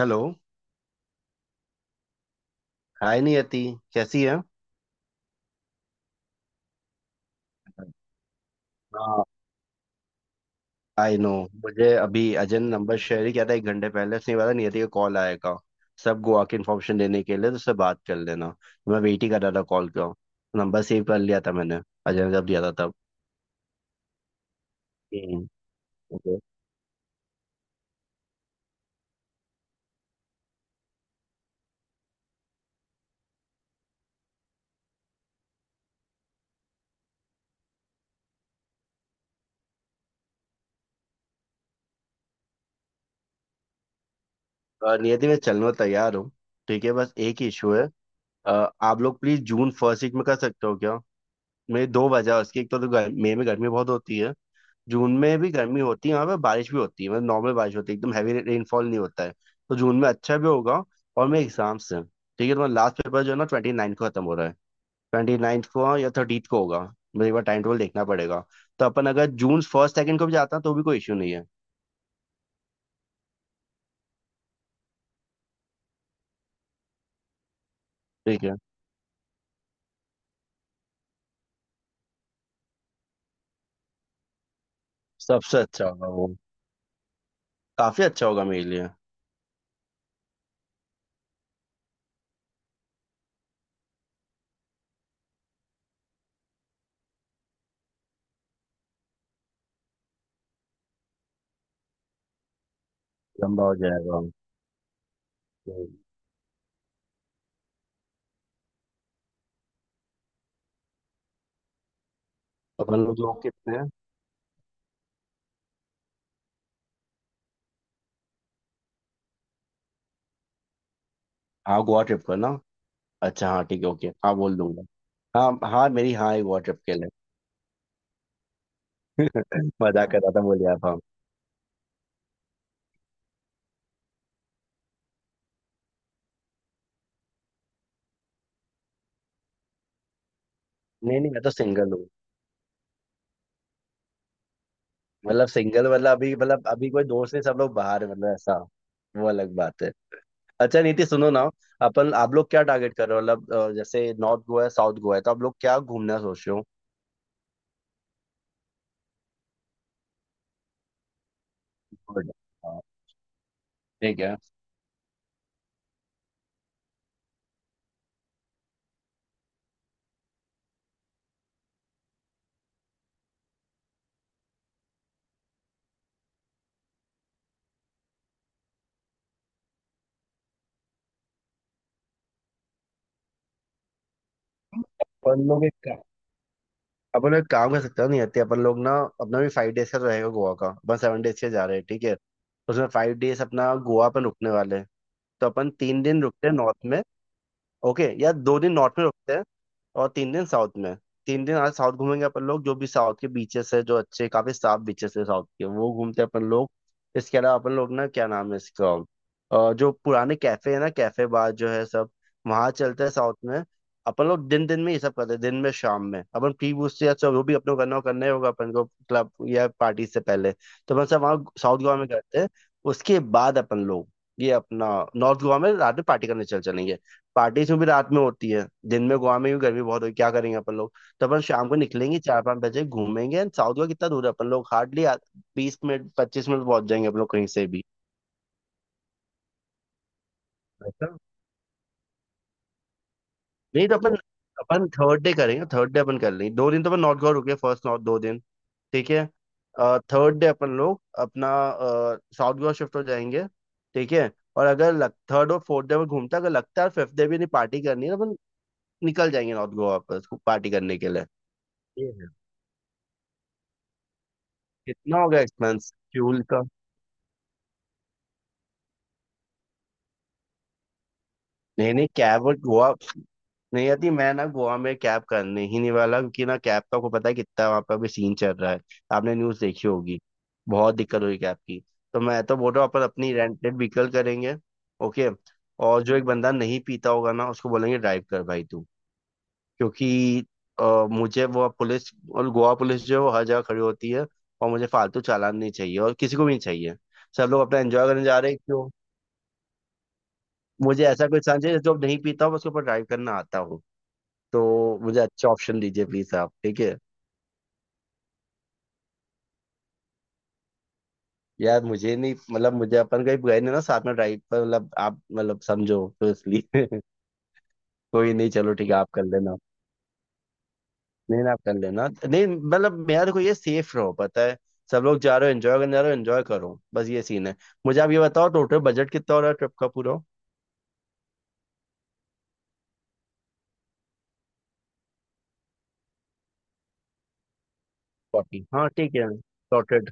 Hello. Hi Niyati, कैसी है। हाँ, आई नो। मुझे अभी अजय ने नंबर शेयर ही किया था, 1 घंटे पहले उसने बोला नियति का कॉल आएगा, सब गोवा की इन्फॉर्मेशन देने के लिए, तो उससे बात कर लेना। तो मैं वेट ही कर रहा था कॉल का। नंबर सेव कर लिया था मैंने, अजय ने जब दिया था तब। हम्म, okay। नियति, मैं चलने को तैयार हूँ। ठीक है, बस एक इशू है। अ, आप लोग प्लीज जून फर्स्ट वीक में कर सकते हो क्या। मेरी दो वजह है उसकी। एक तो, मई में गर्मी बहुत होती है। जून में भी गर्मी होती है वहाँ पे, बारिश भी होती है, मतलब नॉर्मल बारिश होती है, एकदम हैवी रेनफॉल नहीं होता है। तो जून में अच्छा भी होगा। और मेरे एग्जाम से ठीक है, तुम्हारा लास्ट पेपर जो है ना 29th को खत्म हो रहा है। 29th को, हाँ, या 30th को होगा, मुझे एक बार टाइम टेबल देखना पड़ेगा। तो अपन अगर जून फर्स्ट सेकंड को भी जाता है तो भी कोई इश्यू नहीं है। ठीक है। सबसे अच्छा होगा वो। काफी अच्छा होगा मेरे लिए। लंबा हो जाएगा। हम्म। अपन लोग लोग कितने हैं। हाँ गोवा ट्रिप करना। अच्छा हाँ ठीक है ओके, हाँ बोल दूंगा। हाँ हाँ, मेरी हाँ है गोवा ट्रिप के लिए। मजाक कर रहा था, बोल यार था। नहीं नहीं, मैं तो सिंगल हूँ। मतलब सिंगल मतलब अभी, मतलब अभी कोई दोस्त नहीं, सब लोग बाहर हैं, मतलब ऐसा। वो अलग बात है। अच्छा नीति, सुनो ना। अपन आप लोग क्या टारगेट कर रहे हो, मतलब जैसे नॉर्थ गोवा है साउथ गोवा है, तो आप लोग क्या घूमना सोच रहे हो। Good। हाँ। ठीक है। अपन लोग एक का- अपन लोग एक काम कर सकते हो, नहीं आते अपन लोग ना। अपना भी 5 days का तो रहेगा गोवा का, अपन 7 days के जा रहे हैं, ठीक है, उसमें 5 days अपना गोवा पर रुकने वाले हैं। तो अपन 3 दिन रुकते हैं नॉर्थ में। ओके, या 2 दिन नॉर्थ में रुकते हैं और 3 दिन साउथ में। 3 दिन आज साउथ घूमेंगे अपन लोग, जो भी साउथ के बीचेस है जो अच्छे काफी साफ बीचेस है साउथ के, वो घूमते हैं अपन लोग। इसके अलावा अपन लोग ना, क्या नाम है इसका, जो पुराने कैफे है ना, कैफे बार जो है सब, वहां चलते हैं साउथ में। अपन लोग दिन दिन में ये सब करते हैं, दिन में, शाम में अपन प्री बूस्ट या सब जो भी अपने को करना हो, करना ही होगा अपन को क्लब या पार्टी से पहले, तो अपन सब वहाँ साउथ गोवा में करते हैं। उसके बाद अपन लोग, ये अपना, नॉर्थ गोवा में रात में पार्टी करने चल चलेंगे। पार्टी से भी रात में होती है, दिन में गोवा में भी गर्मी बहुत होगी, क्या करेंगे अपन लोग। तो अपन शाम को निकलेंगे, 4-5 बजे घूमेंगे, एंड साउथ का कितना दूर है, अपन लोग हार्डली 20 मिनट 25 मिनट पहुंच जाएंगे अपन लोग कहीं से भी। अच्छा। नहीं तो अपन, अपन थर्ड डे करेंगे थर्ड डे अपन कर लेंगे, दो दिन तो अपन नॉर्थ गोवा रुके फर्स्ट, नॉर्थ 2 दिन। ठीक है। थर्ड डे अपन लोग अपना साउथ गोवा शिफ्ट हो जाएंगे। ठीक है। और अगर लग, थर्ड और फोर्थ डे में घूमता, अगर लगता है फिफ्थ डे भी नहीं पार्टी करनी है, तो अपन निकल जाएंगे नॉर्थ गोवा वापस पार्टी करने के लिए। कितना होगा एक्सपेंस फ्यूल का। नहीं नहीं, कैब और गोवा नहीं आती, मैं ना गोवा में कैब करने ही नहीं वाला, क्योंकि ना कैब का आपको पता है कितना वहाँ पर अभी सीन चल रहा है, आपने न्यूज़ देखी होगी, बहुत दिक्कत हुई कैब की। तो मैं तो बोल रहा हूँ अपन अपनी रेंटेड व्हीकल करेंगे। ओके। और जो एक बंदा नहीं पीता होगा ना, उसको बोलेंगे ड्राइव कर भाई तू, क्योंकि मुझे वो पुलिस, और गोवा पुलिस जो है वो हर जगह खड़ी होती है, और मुझे फालतू चालान नहीं चाहिए और किसी को भी नहीं चाहिए। सब लोग अपना एंजॉय करने जा रहे हैं। मुझे ऐसा, कोई सांचे जो नहीं पीता हूँ उसके ऊपर ड्राइव करना आता हूँ, तो मुझे अच्छा ऑप्शन दीजिए प्लीज आप, ठीक है। यार मुझे नहीं, मतलब मुझे अपन कहीं गए नहीं ना साथ में ड्राइव पर, मतलब आप मतलब समझो तो इसलिए कोई नहीं, चलो ठीक है आप कर लेना। नहीं ना आप कर लेना, नहीं मतलब मेरा देखो ये सेफ रहो, पता है सब लोग जा रहे हो एंजॉय करने जा रहे हो, एंजॉय करो, बस ये सीन है। मुझे आप ये बताओ टोटल बजट कितना हो रहा है ट्रिप का पूरा। फोर्टी, हाँ ठीक है सॉर्टेड।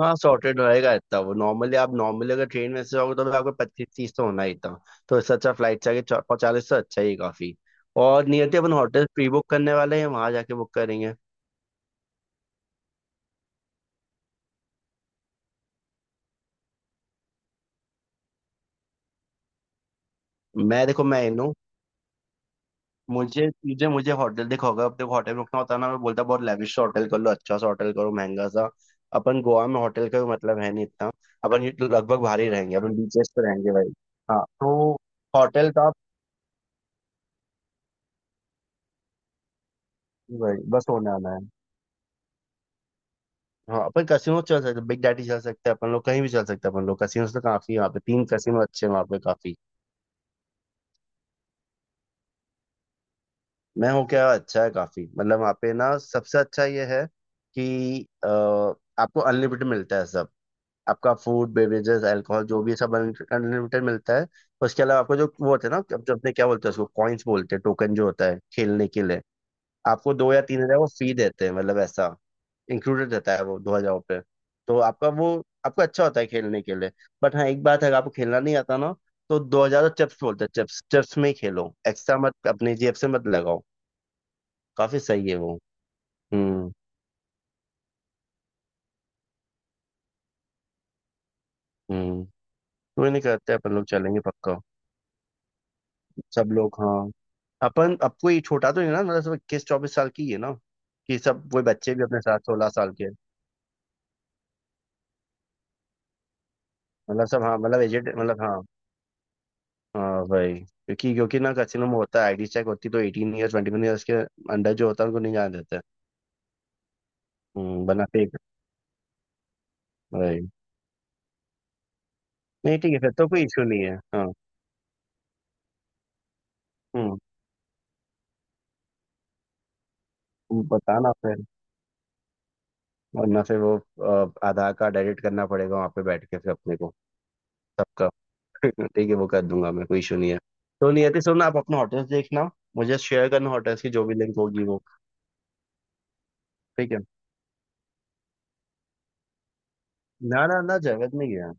हाँ सॉर्टेड रहेगा इतना। वो नॉर्मली, आप नॉर्मली अगर ट्रेन में से जाओगे तो भी आपको 25-30 तो होना ही था, तो इससे अच्छा फ्लाइट से आगे, 40 तो अच्छा ही है काफी। और नियति अपन होटल प्री बुक करने वाले हैं, वहां जाके बुक करेंगे। मैं, देखो मैं इन हूँ। मुझे मुझे मुझे होटल देखोगे, अब देखो अगर अपने होटल में रुकना होता है ना, मैं बोलता बहुत लेविश होटल कर लो, अच्छा सा होटल करो महंगा सा। अपन गोवा में होटल का भी मतलब है नहीं इतना। अपन ये तो लगभग बाहर ही रहेंगे, अपन बीचेस पे रहेंगे भाई। हाँ तो होटल का। भाई, बस होने वाला है। हाँ, अपन कैसीनो चल सकते, बिग डैडी चल सकते हैं अपन लोग, कहीं भी चल सकते हैं अपन लोग, कैसीनो तो काफी है वहाँ पे, 3 कैसीनो अच्छे हैं वहाँ पे काफी। मैं हूँ क्या, अच्छा है काफी, मतलब वहाँ पे ना सबसे अच्छा ये है कि आपको अनलिमिटेड मिलता है सब, आपका फूड, बेवरेजेस, अल्कोहल जो भी है सब अनलिमिटेड मिलता है। उसके अलावा आपको जो वो होते हैं ना, जो अपने क्या बोलते हैं, उसको कॉइन्स बोलते हैं, टोकन जो होता है खेलने के लिए, आपको 2 या 3 हज़ार वो फ्री देते हैं, मतलब ऐसा इंक्लूडेड रहता है वो 2000 पे। तो आपका वो, आपको अच्छा होता है खेलने के लिए। बट हाँ एक बात है, अगर आपको खेलना नहीं आता ना, तो 2000 चिप्स बोलते हैं, चिप्स, चिप्स में ही खेलो, एक्स्ट्रा मत अपने जेब से मत लगाओ। काफी सही है वो। हम्म हम्म। कोई नहीं, करते हैं, अपन लोग चलेंगे पक्का। सब लोग हाँ। अपन अब कोई छोटा तो नहीं ना, मतलब सब 21-24 साल की ही है ना, कि सब वो बच्चे भी अपने साथ 16 साल के। मतलब सब हाँ, मतलब एजेड, मतलब हाँ। हाँ भाई क्योंकि, ना कैसीनो में होता है आईडी चेक होती, तो 18 year 21 years के अंडर जो होता है उनको नहीं जाने देते। हम्म, बना फेक भाई। नहीं ठीक है, फिर तो कोई इश्यू नहीं है। हाँ। हम्म। तुम बताना फिर, वरना फिर वो आधार कार्ड एडिट करना पड़ेगा वहाँ पे बैठ के फिर अपने को सबका। ठीक है वो कर दूंगा मैं, कोई इशू नहीं है। तो नियति सुन, आप अपना होटल्स देखना, मुझे शेयर करना होटल्स की जो भी लिंक होगी वो। ठीक है। ना ना ना जगत नहीं गया।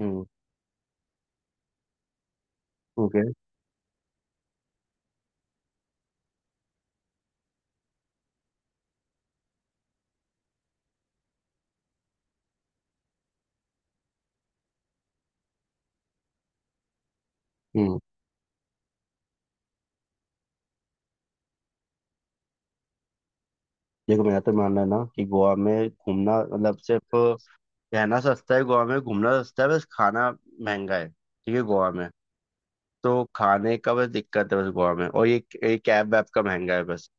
हम्म। ओके। हम्म। देखो मेरा तो मानना है ना कि गोवा में घूमना मतलब सिर्फ, रहना सस्ता है गोवा में, घूमना सस्ता है, बस खाना महंगा है ठीक है गोवा में, तो खाने का बस दिक्कत है बस गोवा में, और ये कैब वैब का महंगा है बस।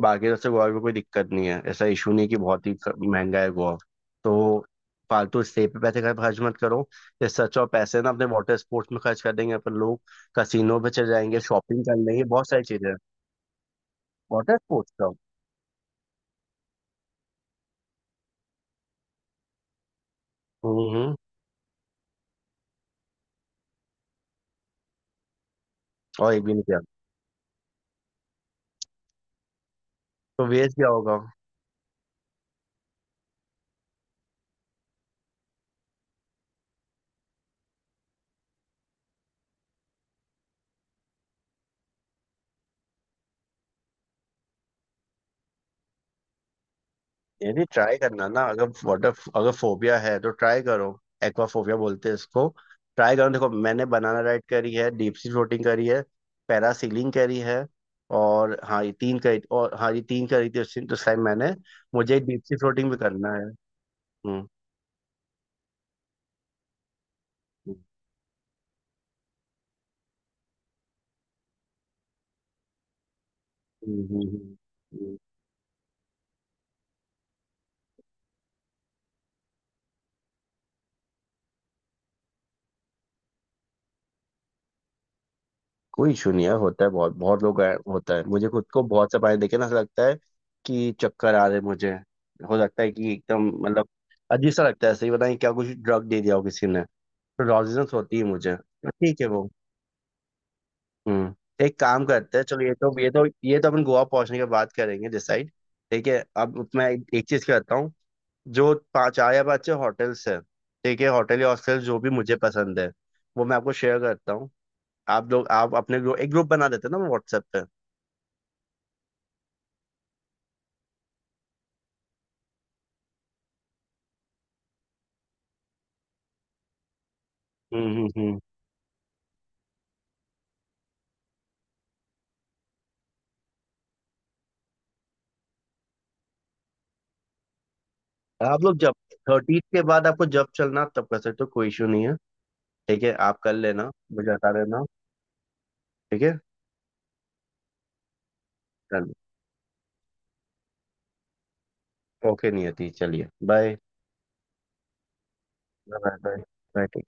बाकी सबसे गोवा में कोई दिक्कत नहीं है, ऐसा इशू नहीं कि बहुत ही महंगा है गोवा। तो फालतू स्टे पे पैसे खर्च मत करो। इससे अच्छा और पैसे ना अपने वाटर स्पोर्ट्स में खर्च कर देंगे अपन लोग, कसिनो पे चले जाएंगे, शॉपिंग कर लेंगे, बहुत सारी चीजें हैं। वाटर स्पोर्ट्स का। हम्म। और एक भी नहीं किया, तो वेस्ट क्या होगा। ये भी ट्राई करना ना, अगर फोबिया है तो ट्राई करो, एक्वाफोबिया बोलते हैं इसको, ट्राई करो। देखो मैंने बनाना राइड करी है, डीप सी फ्लोटिंग करी है, पैरासीलिंग करी है। और हाँ ये तीन करी थी उस दिन, तो उस टाइम मैंने। मुझे डीप सी फ्लोटिंग भी करना है। हम्म, हम्म, हम्म। हम्म। कोई इशू नहीं है, होता है, बहुत बहुत लोग हैं, होता है। मुझे खुद को बहुत से पानी देखे ना ऐसा लगता है कि चक्कर आ रहे हैं मुझे। हो सकता है कि एकदम, मतलब अजीब सा लगता है, सही बताएं क्या, कुछ ड्रग दे दिया हो किसी ने। नॉलेजेंस होती है मुझे, ठीक है वो। हम्म। एक काम करते हैं, चलो, ये तो अपन गोवा पहुंचने के बाद करेंगे डिसाइड। ठीक है, अब मैं एक चीज करता हूँ। जो पाँच, चार या पाँच छः होटल्स है, ठीक है, होटल या हॉस्टल, जो भी मुझे पसंद है वो मैं आपको शेयर करता हूँ। आप लोग, आप अपने ग्रुप, एक ग्रुप बना देते हैं ना व्हाट्सएप पे। हम्म हम्म हम्म। आप लोग जब, 30th के बाद आपको जब चलना आप तब कर सकते हो, कोई इशू नहीं है। ठीक है आप कर लेना, मुझे बता देना। ठीक है चलो। ओके नियति, चलिए बाय। Bye bye. बाय।